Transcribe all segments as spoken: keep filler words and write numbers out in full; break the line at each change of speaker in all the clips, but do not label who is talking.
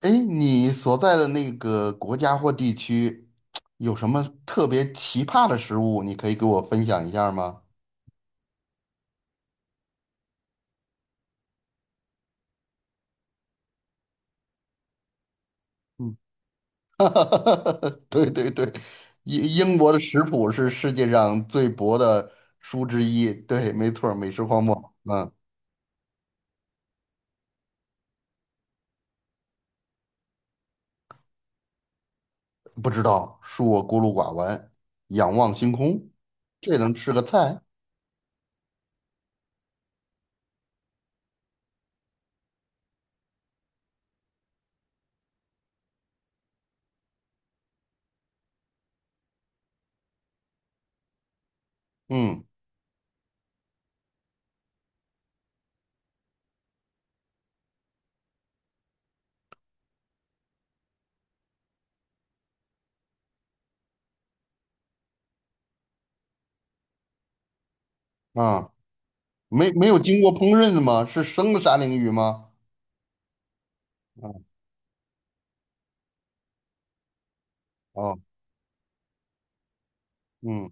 哎，你所在的那个国家或地区有什么特别奇葩的食物？你可以给我分享一下吗？嗯。对对对，英英国的食谱是世界上最薄的书之一。对，没错儿，美食荒漠。嗯。不知道，恕我孤陋寡闻，仰望星空，这能吃个菜？嗯，啊，没没有经过烹饪的吗？是生的沙丁鱼吗？啊，哦，嗯，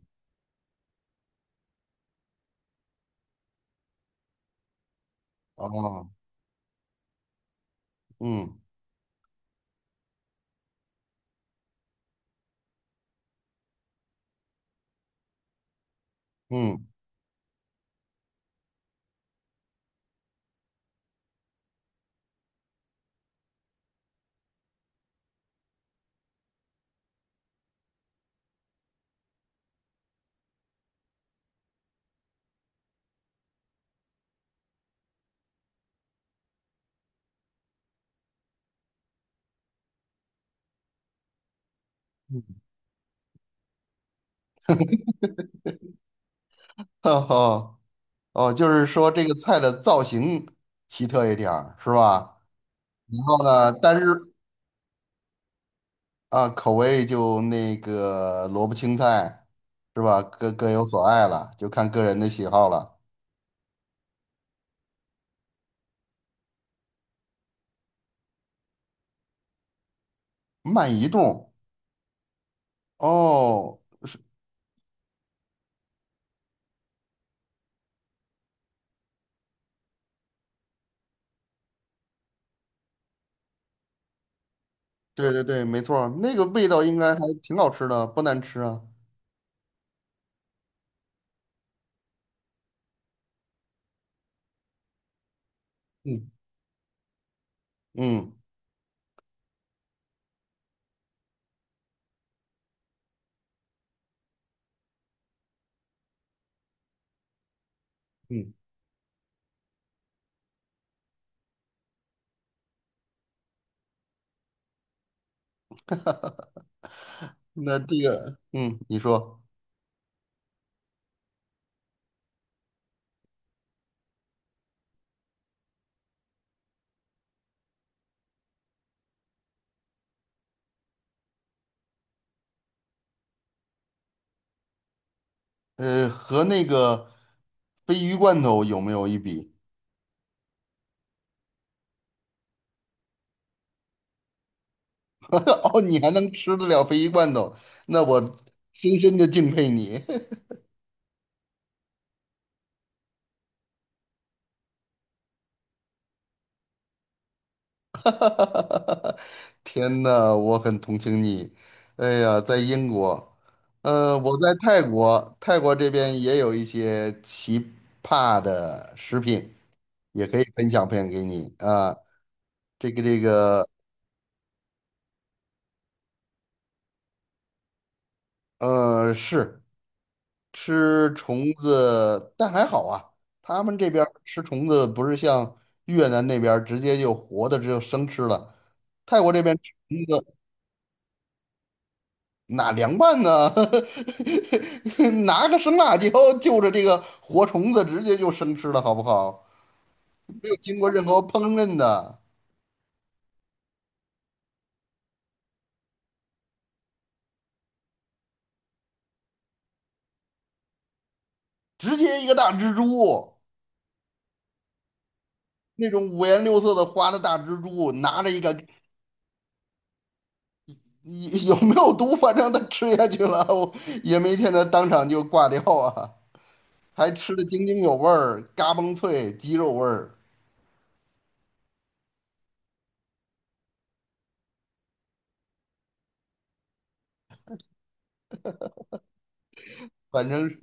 哦，嗯嗯。哦哦，就是说这个菜的造型奇特一点儿，是吧？然后呢，但是啊，口味就那个萝卜青菜，是吧？各各有所爱了，就看个人的喜好了。慢移动，哦，对对对，没错儿，那个味道应该还挺好吃的，不难吃啊。嗯嗯嗯，那这个，嗯，你说，呃，和那个鲱鱼罐头有没有一比？哦，你还能吃得了鲱鱼罐头，那我深深的敬佩你。天呐，我很同情你。哎呀，在英国，呃，我在泰国，泰国这边也有一些奇葩的食品，也可以分享分享给你啊。这个这个，呃，是。吃虫子，但还好啊，他们这边儿吃虫子不是像越南那边儿直接就活的，只有生吃了。泰国这边吃哪凉拌呢？拿个生辣椒就着这个活虫子直接就生吃了，好不好？没有经过任何烹饪的，直接一个大蜘蛛，那种五颜六色的花的大蜘蛛，拿着一个。有有没有毒？反正它吃下去了，我也没见它当场就挂掉啊。还吃的津津有味儿，嘎嘣脆，鸡肉味儿，反正是，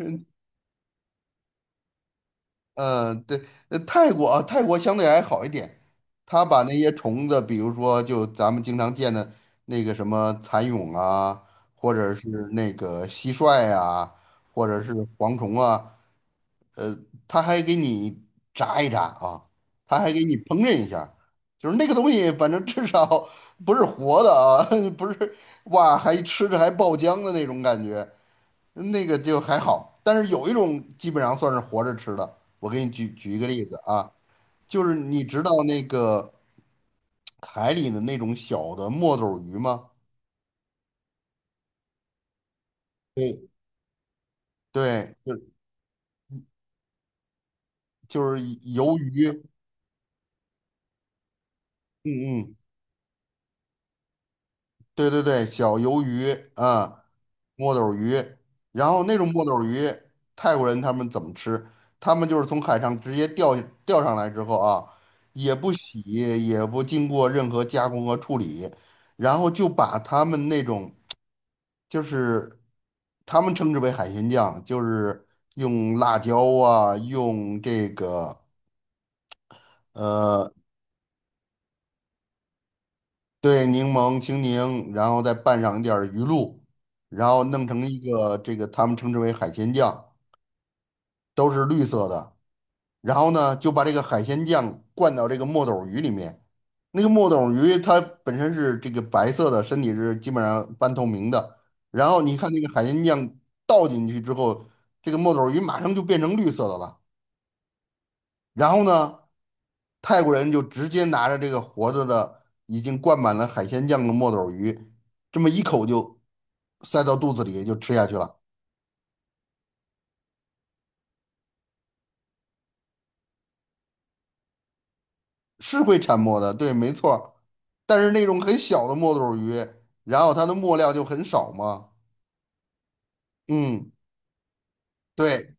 嗯、对，呃泰国啊，泰国相对还好一点，他把那些虫子，比如说就咱们经常见的那个什么蚕蛹啊，或者是那个蟋蟀啊，或者是蝗虫啊，呃，他还给你炸一炸啊，他还给你烹饪一下就是那个东西，反正至少不是活的啊，不是哇，还吃着还爆浆的那种感觉。那个就还好，但是有一种基本上算是活着吃的。我给你举举一个例子啊，就是你知道那个海里的那种小的墨斗鱼吗？对，对，就就是鱿鱼，嗯嗯，对对对，小鱿鱼啊，墨斗鱼，然后那种墨斗鱼，泰国人他们怎么吃？他们就是从海上直接钓钓上来之后啊，也不洗，也不经过任何加工和处理，然后就把他们那种就是他们称之为海鲜酱，就是用辣椒啊，用这个。呃。对，柠檬、青柠，然后再拌上一点儿鱼露，然后弄成一个这个他们称之为海鲜酱，都是绿色的。然后呢，就把这个海鲜酱灌到这个墨斗鱼里面。那个墨斗鱼它本身是这个白色的，身体是基本上半透明的。然后你看那个海鲜酱倒进去之后，这个墨斗鱼马上就变成绿色的了。然后呢，泰国人就直接拿着这个活着的、已经灌满了海鲜酱的墨斗鱼，这么一口就塞到肚子里就吃下去了，是会产墨的，对，没错儿，但是那种很小的墨斗鱼，然后它的墨料就很少嘛，嗯，对，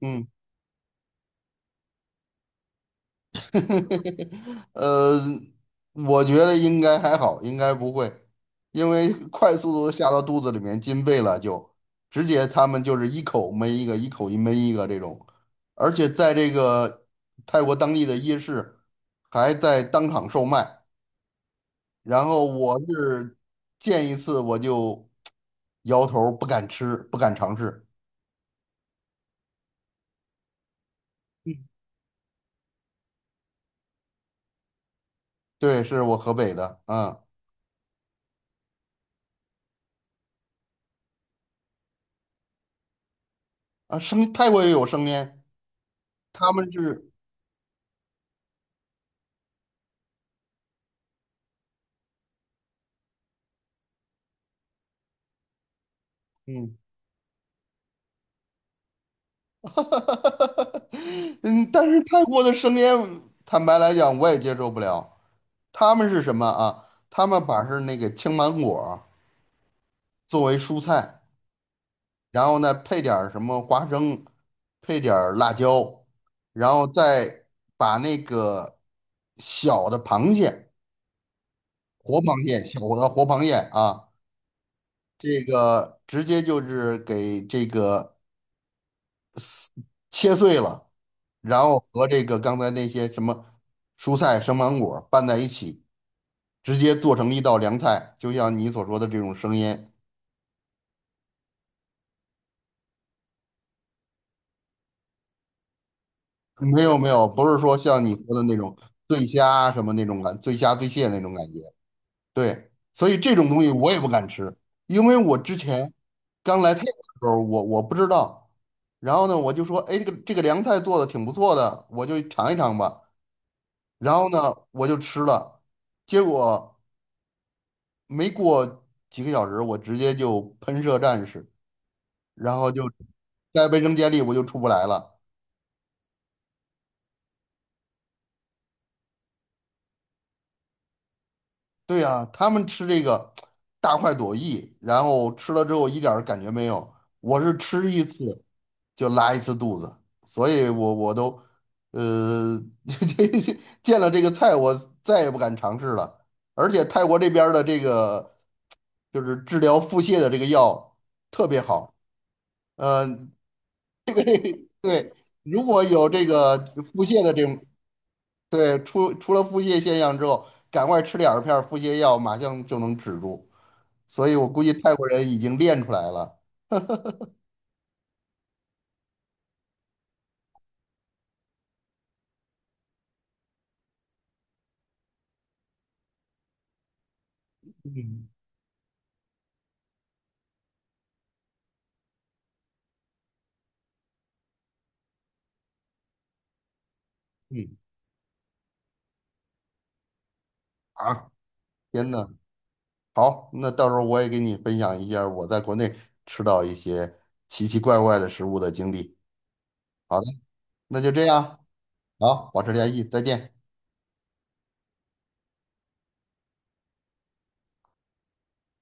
嗯。呃，我觉得应该还好，应该不会，因为快速度下到肚子里面进肺了就，直接他们就是一口闷一个，一口一闷一个这种，而且在这个泰国当地的夜市还在当场售卖，然后我是见一次我就摇头儿不敢吃，不敢尝试。对，是我河北的，啊，啊，生泰国也有生腌，他们是。嗯。嗯，但是泰国的生腌，坦白来讲，我也接受不了。他们是什么啊？他们把是那个青芒果作为蔬菜，然后呢配点儿什么花生，配点儿辣椒，然后再把那个小的螃蟹，活螃蟹，小的活螃蟹啊，这个直接就是给这个。切碎了，然后和这个刚才那些什么蔬菜、生芒果拌在一起，直接做成一道凉菜，就像你所说的这种生腌。没有没有，不是说像你说的那种醉虾什么那种感，醉虾醉蟹那种感觉。对，所以这种东西我也不敢吃，因为我之前刚来泰国的时候，我我不知道。然后呢，我就说，哎，这个这个凉菜做的挺不错的，我就尝一尝吧。然后呢，我就吃了，结果。没过几个小时，我直接就喷射战士，然后就在卫生间里我就出不来了。对呀，他们吃这个大快朵颐，然后吃了之后一点儿感觉没有，我是吃一次就拉一次肚子，所以我我都呃 见了这个菜我再也不敢尝试了。而且泰国这边儿的这个就是治疗腹泻的这个药特别好。呃，对，如果有这个腹泻的这种，对，出出了腹泻现象之后，赶快吃两片儿腹泻药，马上就能止住。所以我估计泰国人已经练出来了。嗯嗯，啊，天呐，好，那到时候我也给你分享一下我在国内吃到一些奇奇怪怪的食物的经历。好的，那就这样，好，保持联系，再见。